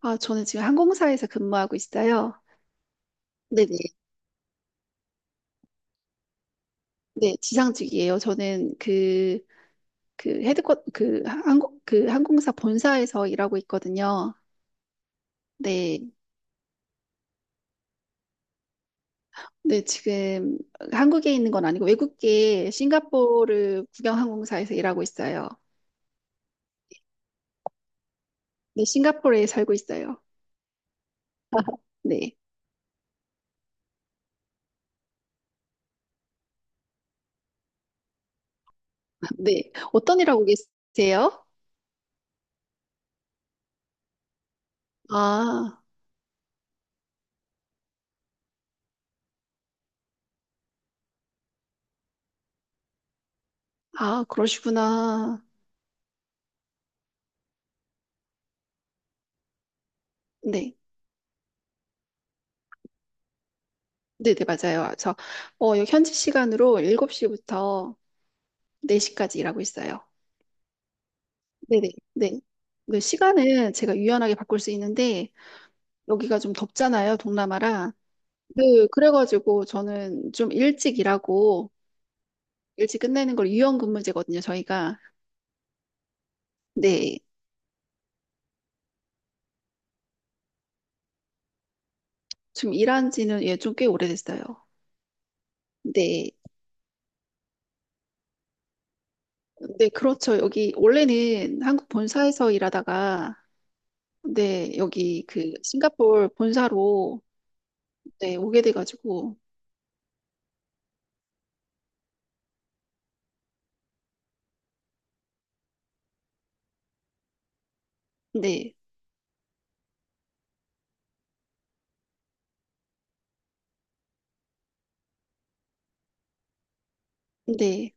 아, 저는 지금 항공사에서 근무하고 있어요. 네네. 네, 지상직이에요. 저는 그 항공사 본사에서 일하고 있거든요. 네. 네, 지금 한국에 있는 건 아니고 외국계 싱가포르 국영항공사에서 일하고 있어요. 네, 싱가포르에 살고 있어요. 네. 네. 어떤 일 하고 계세요? 아, 아, 그러시구나. 네. 네네, 맞아요. 현지 시간으로 7시부터 4시까지 일하고 있어요. 네네. 네. 그 시간은 제가 유연하게 바꿀 수 있는데, 여기가 좀 덥잖아요, 동남아라. 네, 그래가지고 저는 좀 일찍 일하고, 일찍 끝내는 걸 유연 근무제거든요, 저희가. 네. 좀 일한 지는 예, 좀 꽤 오래됐어요. 네. 네, 그렇죠. 여기, 원래는 한국 본사에서 일하다가, 네, 여기 그 싱가포르 본사로, 네, 오게 돼가지고, 네. 네.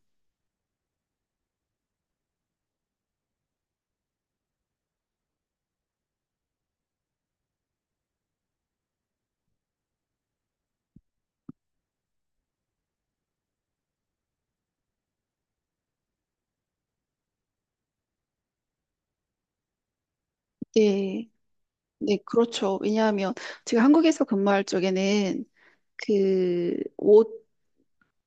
네. 네, 그렇죠. 왜냐하면 제가 한국에서 근무할 적에는 그 옷,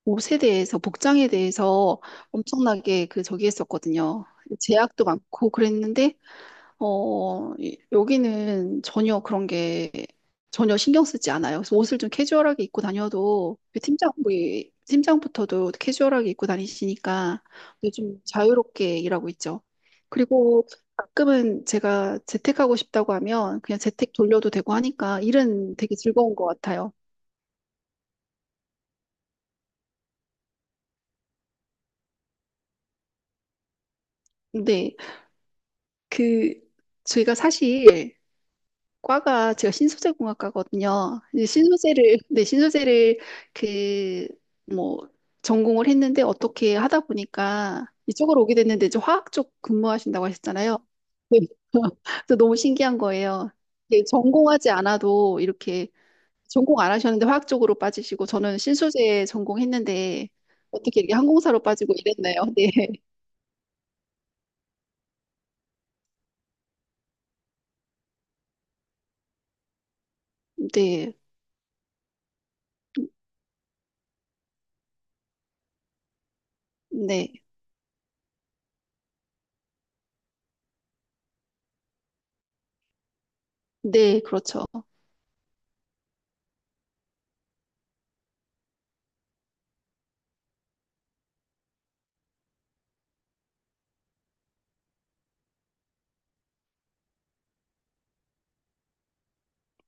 옷에 대해서, 복장에 대해서 엄청나게 그 저기 했었거든요. 제약도 많고 그랬는데 여기는 전혀 그런 게 전혀 신경 쓰지 않아요. 그래서 옷을 좀 캐주얼하게 입고 다녀도 그 팀장, 우리 팀장부터도 캐주얼하게 입고 다니시니까 요즘 자유롭게 일하고 있죠. 그리고 가끔은 제가 재택하고 싶다고 하면 그냥 재택 돌려도 되고 하니까 일은 되게 즐거운 것 같아요. 근데 그 저희가 사실 과가 제가 신소재 공학과거든요. 이제 신소재를 네, 신소재를 그 뭐 전공을 했는데 어떻게 하다 보니까 이쪽으로 오게 됐는데 이제 화학 쪽 근무하신다고 하셨잖아요. 네. 그래서 너무 신기한 거예요. 이게 전공하지 않아도 이렇게 전공 안 하셨는데 화학 쪽으로 빠지시고 저는 신소재 전공했는데 어떻게 이렇게 항공사로 빠지고 이랬나요? 네. 네. 네. 네, 그렇죠.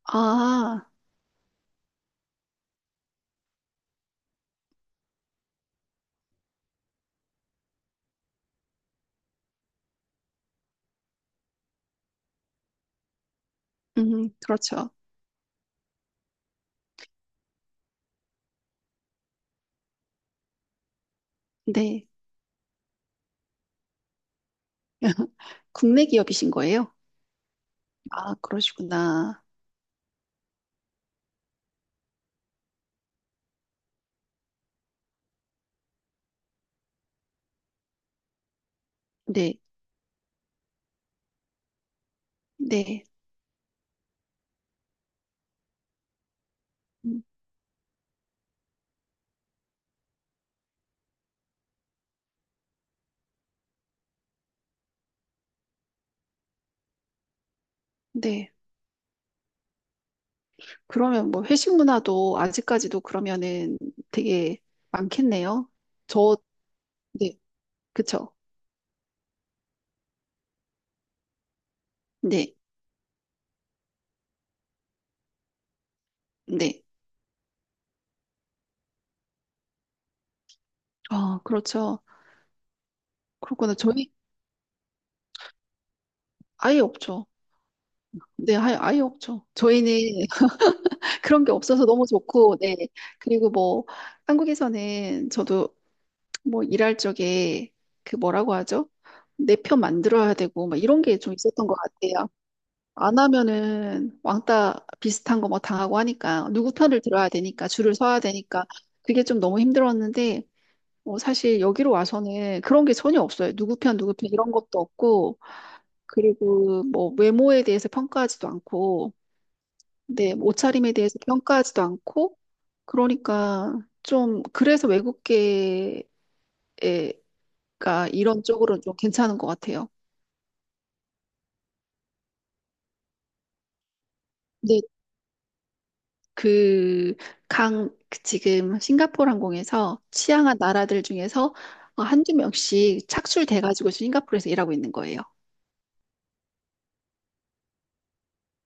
아, 그렇죠. 네. 국내 기업이신 거예요? 아, 그러시구나. 네, 네, 음, 네. 그러면 뭐 회식 문화도 아직까지도 그러면은 되게 많겠네요. 저, 네, 그쵸. 네, 네. 아, 그렇죠. 그렇구나. 저희 아예 없죠. 네, 아예, 아예 없죠. 저희는 그런 게 없어서 너무 좋고, 네. 그리고 뭐 한국에서는 저도 뭐 일할 적에 그 뭐라고 하죠? 내 편 만들어야 되고, 막 이런 게 좀 있었던 것 같아요. 안 하면은 왕따 비슷한 거 뭐 당하고 하니까 누구 편을 들어야 되니까 줄을 서야 되니까 그게 좀 너무 힘들었는데 사실 여기로 와서는 그런 게 전혀 없어요. 누구 편 누구 편 이런 것도 없고 그리고 뭐 외모에 대해서 평가하지도 않고 네, 뭐 옷차림에 대해서 평가하지도 않고 그러니까 좀 그래서 외국계가 이런 쪽으로는 좀 괜찮은 것 같아요. 네, 그 그 지금 싱가포르 항공에서 취향한 나라들 중에서 한두 명씩 착출돼가지고 싱가포르에서 일하고 있는 거예요.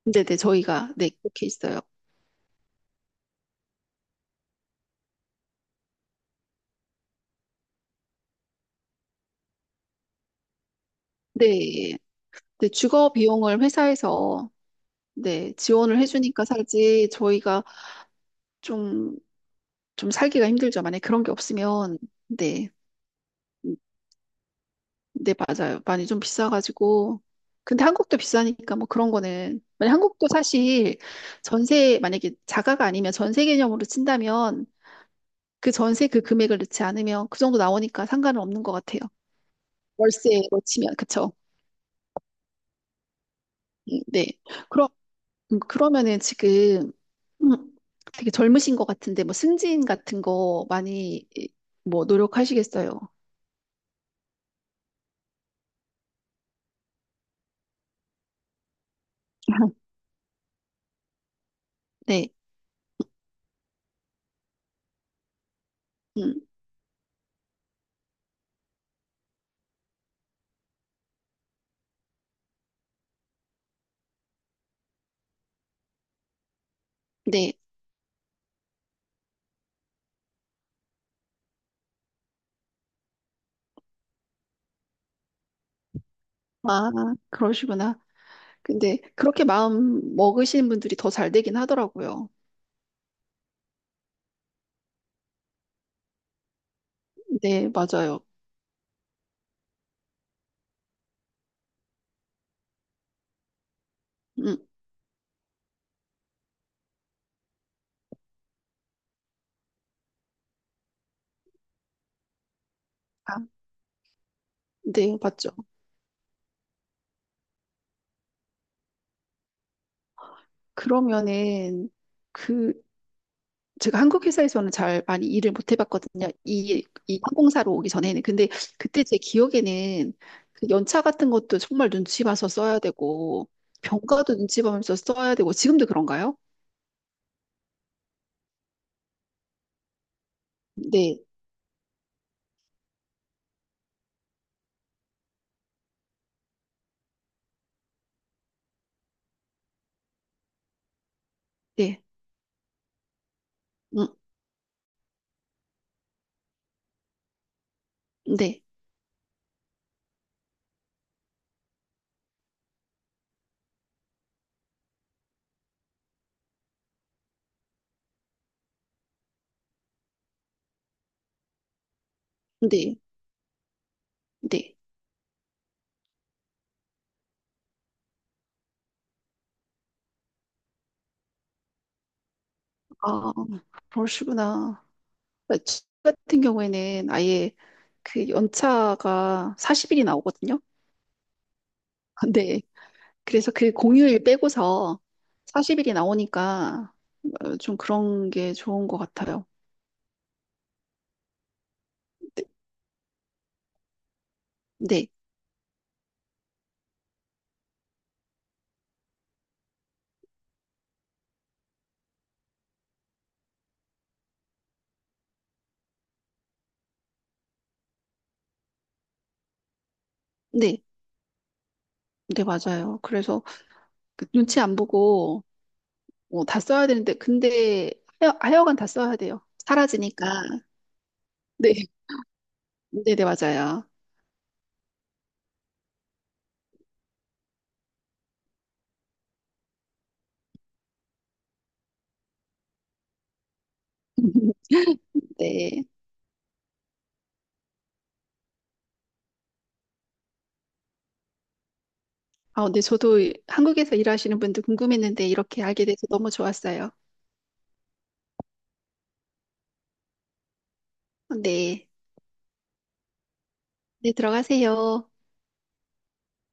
근데 네, 저희가 네, 그렇게 있어요. 네, 네, 주거 비용을 회사에서 네, 지원을 해주니까 살지 저희가 좀, 좀 살기가 힘들죠. 만약에 그런 게 없으면 네. 네, 맞아요. 많이 좀 비싸가지고. 근데 한국도 비싸니까 뭐 그런 거는. 만약 한국도 사실 전세, 만약에 자가가 아니면 전세 개념으로 친다면 그 전세 그 금액을 넣지 않으면 그 정도 나오니까 상관은 없는 것 같아요. 월세로 치면, 그쵸? 네. 그럼, 그러면은 지금 음, 되게 젊으신 것 같은데 뭐 승진 같은 거 많이 이, 뭐 노력하시겠어요? 네. 음, 네. 아, 그러시구나. 근데 그렇게 마음 먹으시는 분들이 더 잘 되긴 하더라고요. 네, 맞아요. 음, 아, 네, 맞죠. 그러면은 그 제가 한국 회사에서는 잘 많이 일을 못 해봤거든요. 이 항공사로 오기 전에는. 근데 그때 제 기억에는 그 연차 같은 것도 정말 눈치 봐서 써야 되고 병가도 눈치 보면서 써야 되고 지금도 그런가요? 네, 네, 음, 네, 네, 네. 아, 그러시구나. 그러니까 저 같은 경우에는 아예 그 연차가 40일이 나오거든요. 네. 그래서 그 공휴일 빼고서 40일이 나오니까 좀 그런 게 좋은 것 같아요. 네. 네. 네, 맞아요. 그래서 그 눈치 안 보고 뭐 다 써야 되는데, 근데 하여간 다 써야 돼요. 사라지니까. 네. 네, 네, 맞아요. 네. 아, 근데 저도 한국에서 일하시는 분들 궁금했는데 이렇게 알게 돼서 너무 좋았어요. 네. 네, 들어가세요.